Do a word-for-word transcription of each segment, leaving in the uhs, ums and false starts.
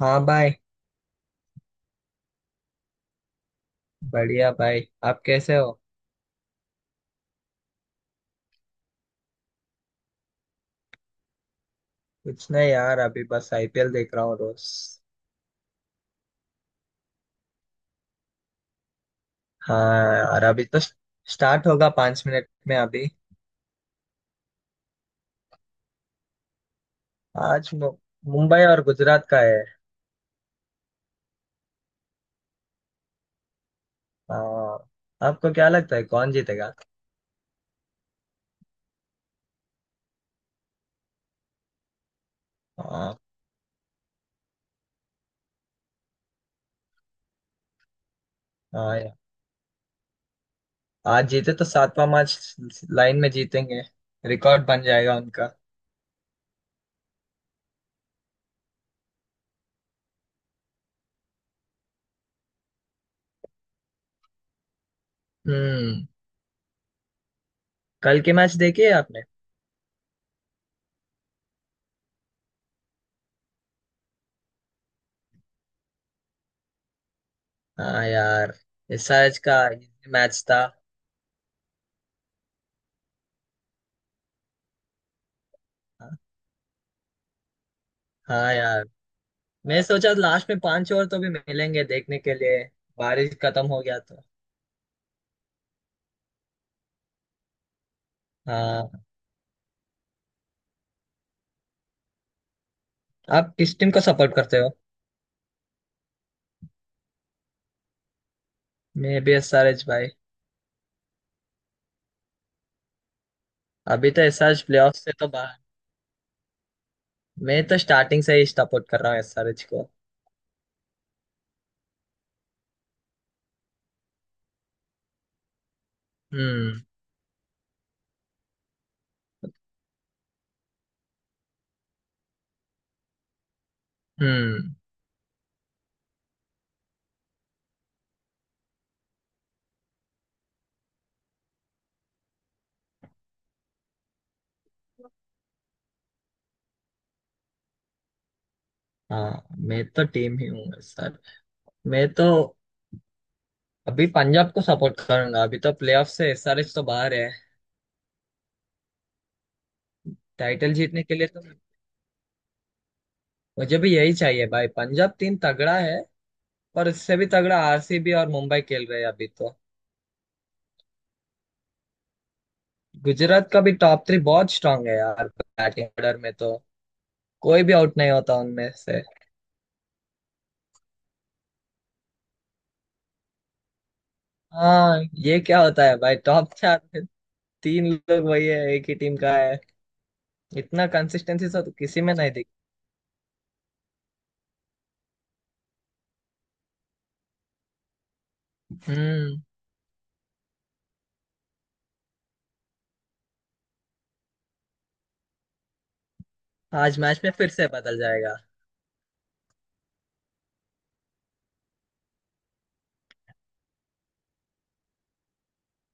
हाँ भाई। बढ़िया भाई। आप कैसे हो? कुछ नहीं यार, अभी बस आईपीएल देख रहा हूँ रोज। हाँ यार, अभी तो स्टार्ट होगा पांच मिनट में अभी। आज मु- मुंबई और गुजरात का है। हाँ। आपको क्या लगता है कौन जीतेगा? हाँ, हाँ यार, आज जीते तो सातवां मैच लाइन में जीतेंगे। रिकॉर्ड बन जाएगा उनका। हम्म। कल के मैच देखिए आपने? हाँ यार, इस आज का मैच था। हाँ यार, मैं सोचा लास्ट में पांच और तो भी मिलेंगे देखने के लिए बारिश खत्म हो गया तो। हाँ। आप किस टीम को सपोर्ट करते हो? मैं भी एसआरएच भाई। अभी तो एसआरएच प्लेऑफ से तो बाहर। मैं तो स्टार्टिंग से ही सपोर्ट कर रहा हूँ एसआरएच को। हम्म। हम्म। हाँ, मैं तो टीम ही हूँ सर। मैं तो अभी पंजाब को सपोर्ट करूंगा, अभी तो प्लेऑफ से एसआरएच तो बाहर है, टाइटल जीतने के लिए तो। मुझे भी यही चाहिए भाई, पंजाब टीम तगड़ा है। पर उससे भी तगड़ा आरसीबी और मुंबई खेल रहे हैं अभी तो। गुजरात का भी टॉप थ्री बहुत स्ट्रांग है यार, बैटिंग ऑर्डर में तो कोई भी आउट नहीं होता उनमें से। हाँ, ये क्या होता है भाई, टॉप चार में तीन लोग वही है, एक ही टीम का है। इतना कंसिस्टेंसी तो किसी में नहीं दिखी। हम्म। आज मैच में फिर से बदल जाएगा।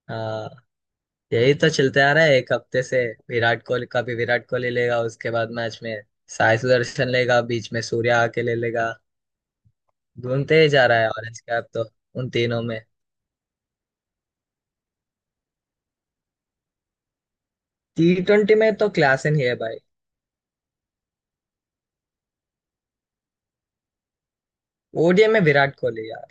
हाँ, यही तो चलते आ रहा है एक हफ्ते से। विराट कोहली, कभी विराट कोहली लेगा उसके बाद मैच में साई सुदर्शन लेगा, बीच में सूर्या आके ले लेगा। घूमते ही जा रहा है ऑरेंज कैप तो उन तीनों में। टी ट्वेंटी में तो क्लास ही है भाई। ओडीआई में विराट कोहली यार।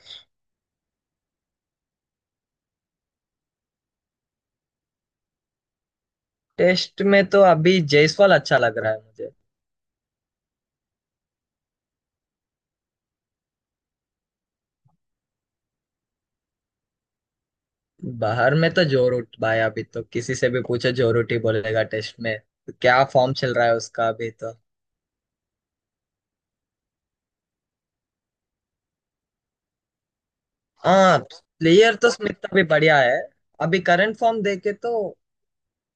टेस्ट में तो अभी जायसवाल अच्छा लग रहा है मुझे। बाहर में तो जो रूट भाई, अभी तो किसी से भी पूछो जो रूट ही बोलेगा टेस्ट में। क्या फॉर्म चल रहा है उसका अभी तो। हाँ, प्लेयर तो स्मिथ अभी बढ़िया है, अभी करंट फॉर्म देखे तो।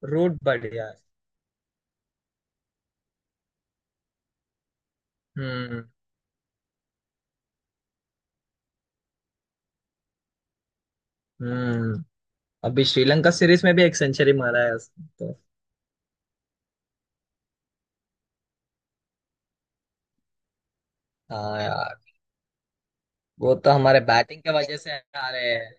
रूट बढ़िया है। हम्म। हम्म। अभी श्रीलंका सीरीज में भी एक सेंचुरी मारा है उसने तो। हाँ यार, वो तो हमारे बैटिंग के वजह से आ रहे हैं।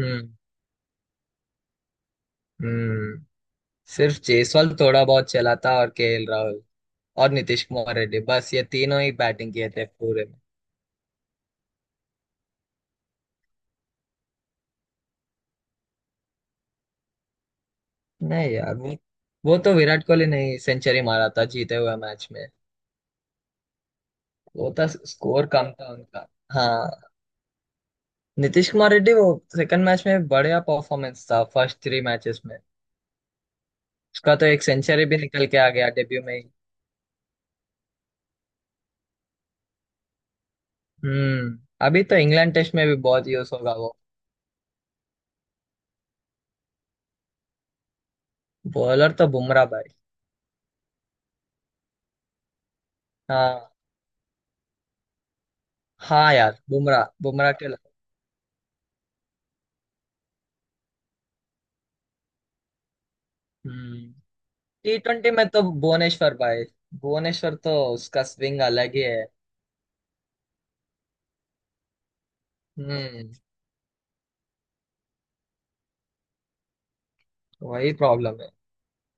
हम्म। हम्म। सिर्फ जयसवाल थोड़ा बहुत चला था और केएल राहुल और नीतीश कुमार रेड्डी, बस ये तीनों ही बैटिंग किए थे पूरे में। नहीं यार, वो वो तो विराट कोहली नहीं सेंचुरी मारा था जीते हुए मैच में। वो था, स्कोर कम था उनका। हाँ, नीतीश कुमार रेड्डी वो सेकंड मैच में बढ़िया परफॉर्मेंस था, फर्स्ट थ्री मैचेस में। उसका तो एक सेंचुरी भी निकल के आ गया डेब्यू में ही। हम्म। अभी तो इंग्लैंड टेस्ट में भी बहुत यूज होगा वो। बॉलर तो बुमराह भाई। हाँ, हाँ यार, बुमराह बुमराह के लिए- हम्म टी ट्वेंटी में तो भुवनेश्वर भाई। भुवनेश्वर तो उसका स्विंग अलग ही है। हम्म। वही प्रॉब्लम है,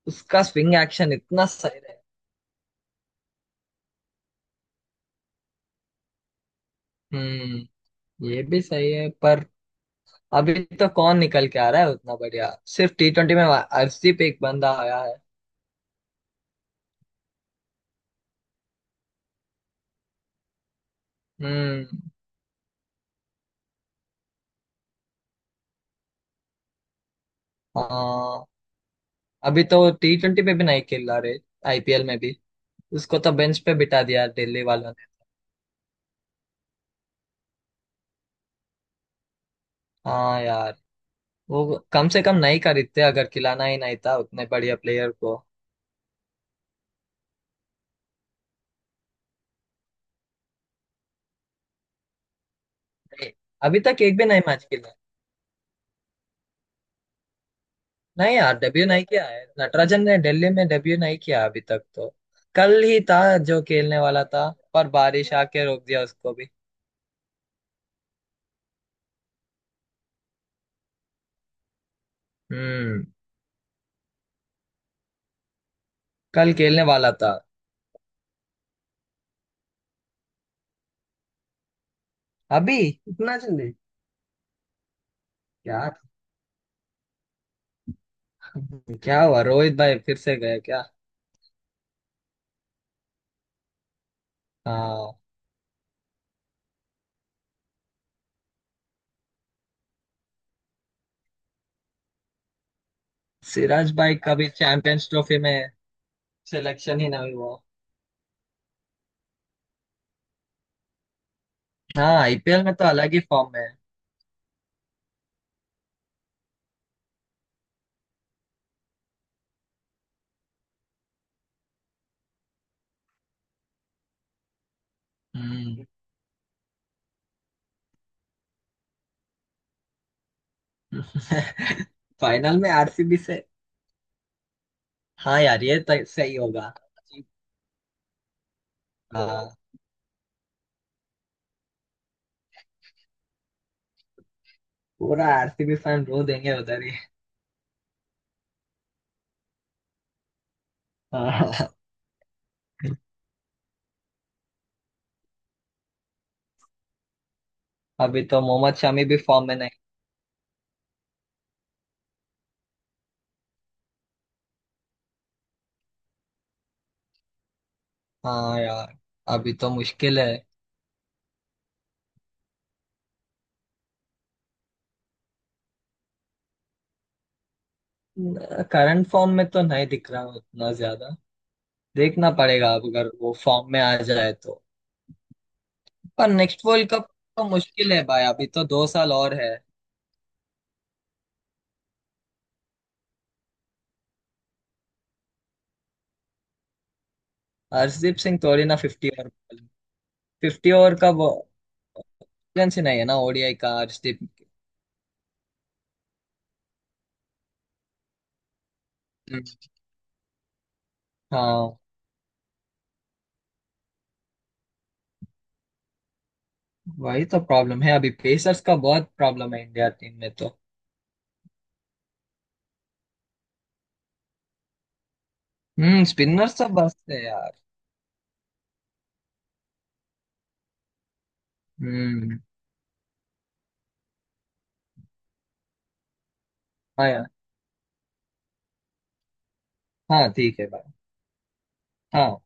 उसका स्विंग एक्शन इतना सही है। हम्म। ये भी सही है पर, अभी तो कौन निकल के आ रहा है उतना बढ़िया, सिर्फ टी ट्वेंटी में अर्शदीप एक बंदा आया है। हम्म। हाँ, अभी तो टी ट्वेंटी में भी नहीं खेल रहा रे, आईपीएल में भी उसको तो बेंच पे बिठा दिया दिल्ली वालों ने। हाँ यार, वो कम से कम नहीं खरीदते अगर खिलाना ही नहीं था उतने बढ़िया प्लेयर को। नहीं, अभी तक एक भी नहीं मैच खेला। नहीं यार, डेब्यू नहीं किया है नटराजन ने दिल्ली में, डेब्यू नहीं किया अभी तक तो। कल ही था जो खेलने वाला था पर बारिश आके रोक दिया उसको भी। हम्म। कल खेलने वाला था। अभी इतना जल्दी? यार क्या हुआ, रोहित भाई फिर से गए क्या? हाँ। सिराज भाई का भी चैंपियंस ट्रॉफी में सिलेक्शन ही नहीं हुआ। हाँ, आईपीएल में तो अलग ही फॉर्म में है। हम्म। फाइनल में आरसीबी से। हाँ यार, ये तो सही होगा। हाँ। पूरा आरसीबी फैन रो देंगे उधर ही। हाँ, अभी तो मोहम्मद शमी भी फॉर्म में नहीं। हाँ यार, अभी तो मुश्किल है। करंट फॉर्म में तो नहीं दिख रहा उतना ज्यादा। देखना पड़ेगा अब अगर वो फॉर्म में आ जाए तो। पर नेक्स्ट वर्ल्ड कप तो मुश्किल है भाई, अभी तो दो साल और है। हरदीप सिंह थोड़ी ना, फिफ्टी ओवर फिफ्टी ओवर का वो experience ही नहीं है ना, ओडीआई का हरदीप। हम्म। हाँ, वही तो प्रॉब्लम है, अभी पेसर्स का बहुत प्रॉब्लम है इंडिया टीम में तो। हम्म। स्पिनर्स तो बस है यार। हम्म। हाँ यार। हाँ ठीक है भाई। हाँ।